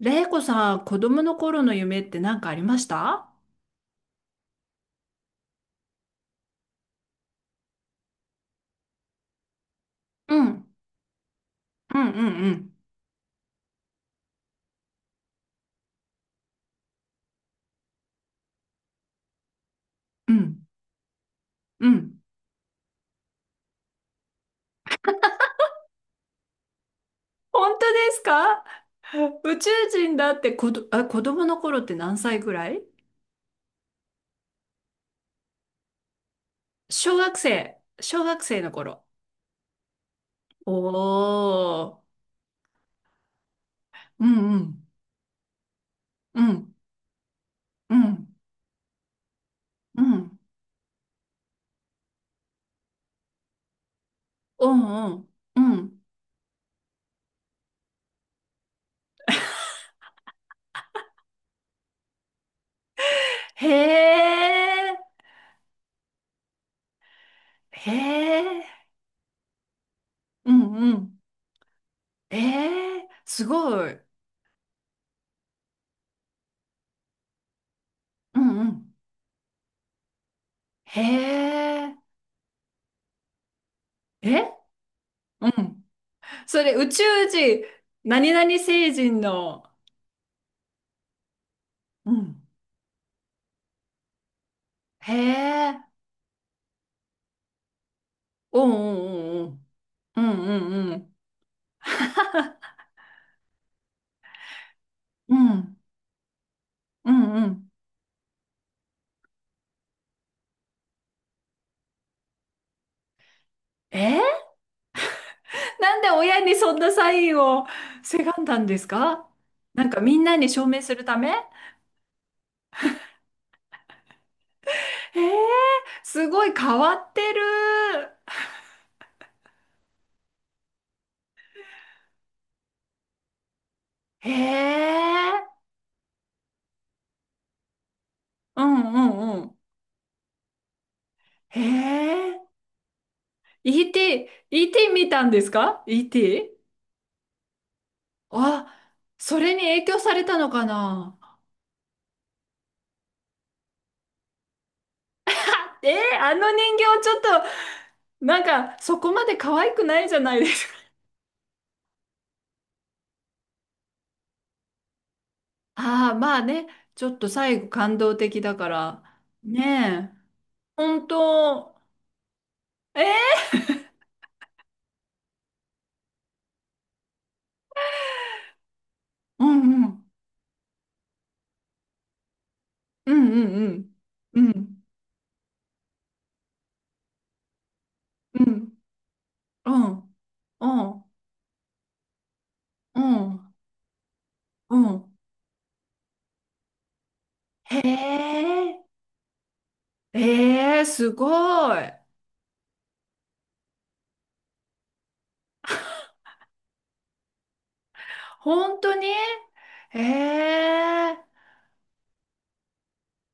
れいこさん、子供の頃の夢って何かありました？うん、うん、うん、うん。うん、うん。本当ですか？ 宇宙人だって子ど、あ、子供の頃って何歳ぐらい？小学生。小学生の頃。おー。うんうん。うん。うん。うん。うんうん。うん、へえ。へえ。うんうん。ええ。すごい。うんうん。へえ。え、うん。それ宇宙人、何々星人の、うん。へえ、うんうんうんうん。うんうんうん。うんうんうん。えー、なんで親にそんなサインをせがんだんですか？なんかみんなに証明するため？えー、すごい変わってる。へえ、うんうんうん。へえ、イーティーイーティー見たんですか、イーティー。あ、それに影響されたのかな？えー、あの人形ちょっと、なんかそこまで可愛くないじゃないですか。ああ、まあね、ちょっと最後感動的だから。ねえ。本当、えー、うんうん、うんうんうん、うん、うん、うん、うん、うん、うん。へえ、えー、すごい。本当に？へえ、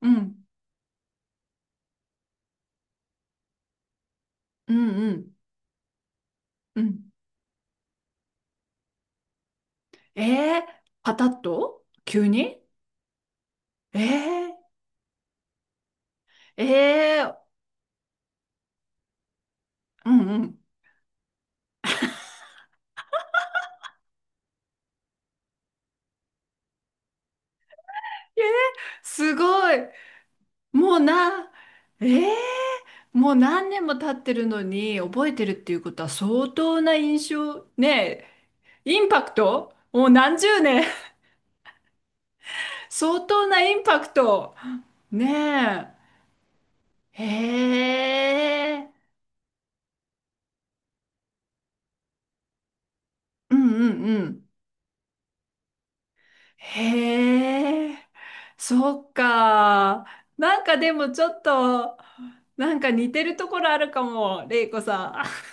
うん、うんうん、うん。えー、パタッと急に？えー、ええー、うんうん。すごい。もうな、ええー、もう何年も経ってるのに覚えてるっていうことは相当な印象、ねえ、インパクト、もう何十年。 相当なインパクト。ねえ。へえ。うんうんうん。へえ。そっか。なんかでもちょっと、なんか似てるところあるかも、れいこさん。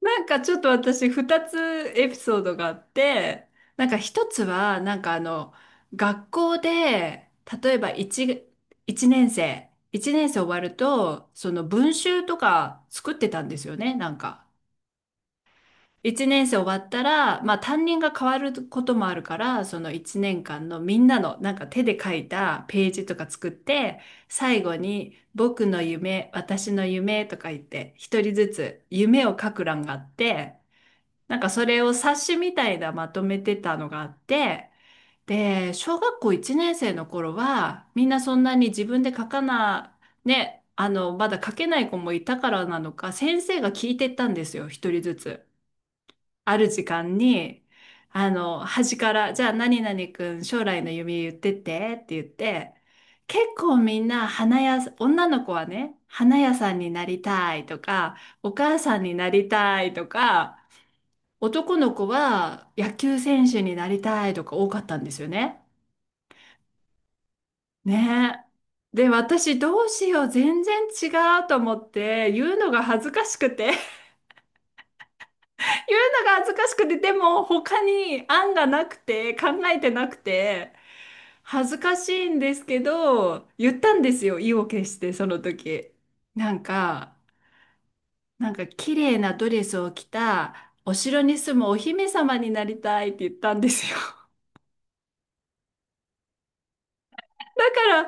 なんかちょっと私二つエピソードがあって、なんか一つは、学校で、例えば一年生、終わると、その文集とか作ってたんですよね、なんか。一年生終わったら、まあ担任が変わることもあるから、その一年間のみんなのなんか手で書いたページとか作って、最後に僕の夢、私の夢とか言って、一人ずつ夢を書く欄があって、なんかそれを冊子みたいなまとめてたのがあって、で、小学校1年生の頃は、みんなそんなに自分で書かな、ね、あの、まだ書けない子もいたからなのか、先生が聞いてったんですよ、一人ずつ。ある時間に、あの、端から、じゃあ何々くん将来の夢言って言って、結構みんな花屋さん、女の子はね、花屋さんになりたいとか、お母さんになりたいとか、男の子は野球選手になりたいとか多かったんですよね。ねえ。で、私どうしよう、全然違うと思って、言うのが恥ずかしくて、言うのが恥ずかしくて、でも他に案がなくて、考えてなくて、恥ずかしいんですけど、言ったんですよ、意を決して、その時。なんか、なんか綺麗なドレスを着た、お城に住むお姫様になりたいって言ったんですよ。から、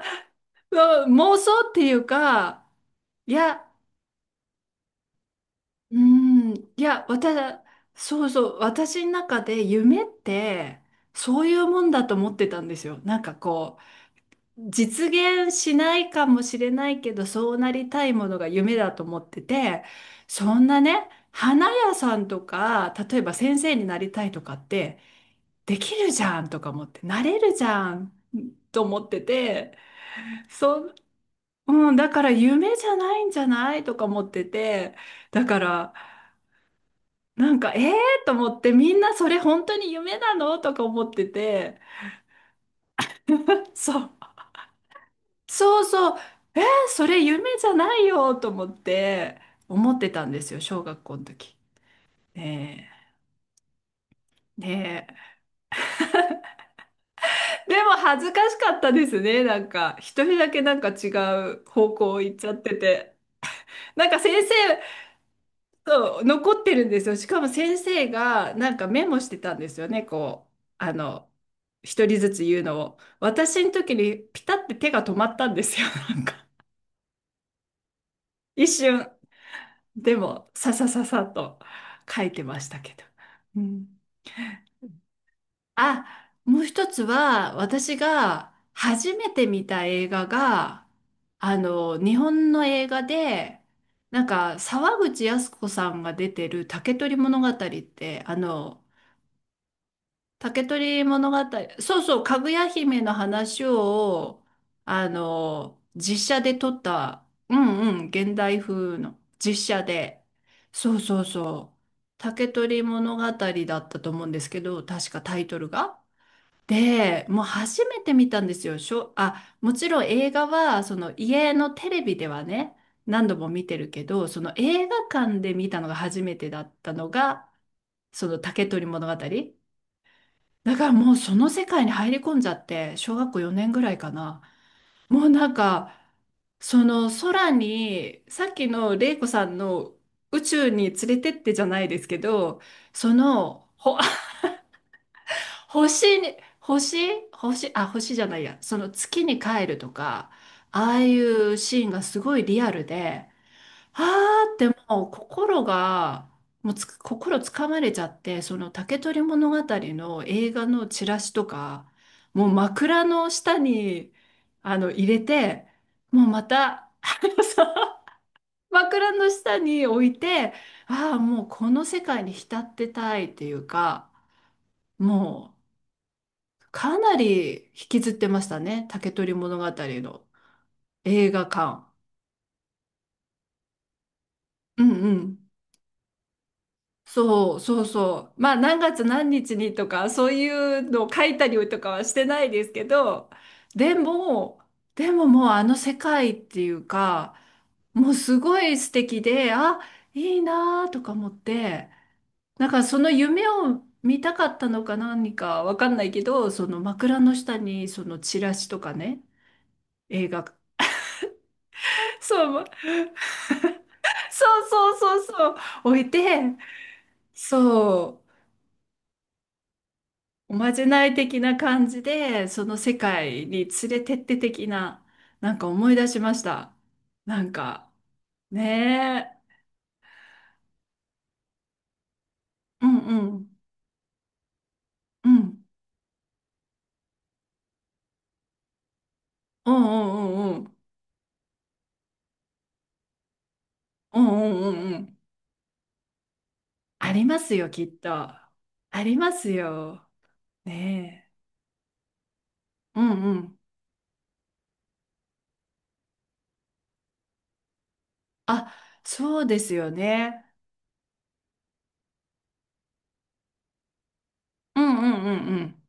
うん、妄想っていうか、いや、うん、いや、私、そうそう、私の中で夢って、そういうもんだと思ってたんですよ。なんかこう、実現しないかもしれないけど、そうなりたいものが夢だと思ってて、そんなね、花屋さんとか、例えば先生になりたいとかって、できるじゃんとか思って、なれるじゃんと思ってて、そん、うん、だから夢じゃないんじゃないとか思ってて、だから、なんか、ええー、と思って、みんなそれ本当に夢なの、とか思ってて、そう、そうそう、えー、それ夢じゃないよと思って、思ってたんですよ、小学校の時。ねえ、ねえ。でも恥ずかしかったですね、なんか、一人だけなんか違う方向行っちゃってて。なんか先生、そう、残ってるんですよ。しかも先生がなんかメモしてたんですよね、こう、あの、一人ずつ言うのを。私の時にピタって手が止まったんですよ、なんか。一瞬。でも、ささささっと書いてましたけど。うん。あ、もう一つは、私が初めて見た映画が、あの、日本の映画で、なんか、沢口靖子さんが出てる竹取物語って、あの、竹取物語、そうそう、かぐや姫の話を、あの、実写で撮った、うんうん、現代風の実写で、そうそうそう、竹取物語だったと思うんですけど、確かタイトルが。で、もう初めて見たんですよ。しょ、あ、もちろん映画は、その家のテレビではね、何度も見てるけど、その映画館で見たのが初めてだったのが、その竹取物語。だからもうその世界に入り込んじゃって、小学校4年ぐらいかな。もうなんか、その空に、さっきの玲子さんの宇宙に連れてってじゃないですけど、その、ほ、星に、星、星、あ、星じゃないや、その月に帰るとか、ああいうシーンがすごいリアルで、あーってもう心が、もうつく、心つかまれちゃって、その竹取物語の映画のチラシとか、もう枕の下に、あの、入れて、もうまた、あのさ、枕の下に置いて、ああ、もうこの世界に浸ってたいっていうか、もうかなり引きずってましたね、竹取物語の映画館。うんうん。そうそうそう。まあ何月何日にとかそういうのを書いたりとかはしてないですけど、でも、でももうあの世界っていうか、もうすごい素敵で、あ、いいなーとか思って、なんかその夢を見たかったのか何かわかんないけど、その枕の下にそのチラシとかね、映画、そう、そうそうそうそう、置いて、そう。おまじない的な感じで、その世界に連れてって的な、なんか思い出しました。なんか、ねえ、うんうん、うん、うんうんうんうん、うんうんうんうん。ありますよ、きっと。ありますよ。ねえ、うんうん。あ、そうですよね。うんうんうんうん。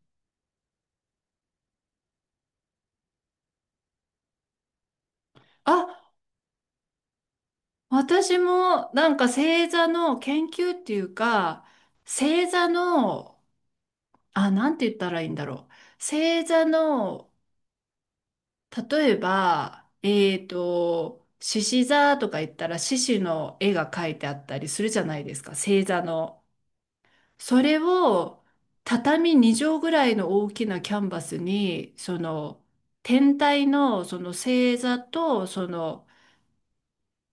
あ、私もなんか星座の研究っていうか、星座の、あ、なんて言ったらいいんだろう。星座の、例えば、えっと、獅子座とか言ったら獅子の絵が描いてあったりするじゃないですか、星座の。それを畳2畳ぐらいの大きなキャンバスに、その天体のその星座と、その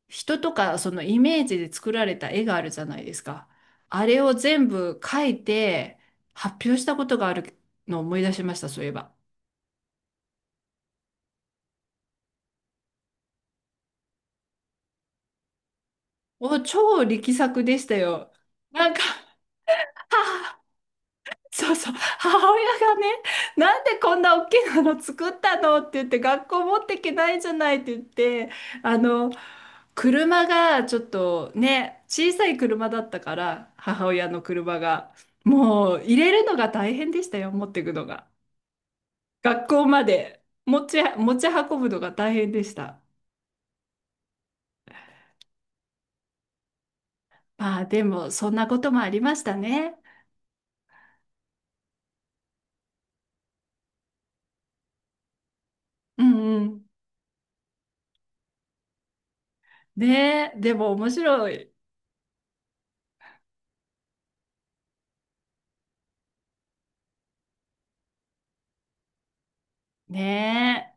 人とかそのイメージで作られた絵があるじゃないですか。あれを全部描いて発表したことがあるのを思い出しました、そういえば。お、超力作でしたよ。なんか、母、そうそう、母親がね、なんでこんな大きなの作ったのって言って、学校持っていけないじゃないって言って、あの、車がちょっとね、小さい車だったから、母親の車が。もう入れるのが大変でしたよ、持っていくのが。学校まで持ち運ぶのが大変でした。まあでも、そんなこともありましたね。うんうん。ねえ、でも面白い。ね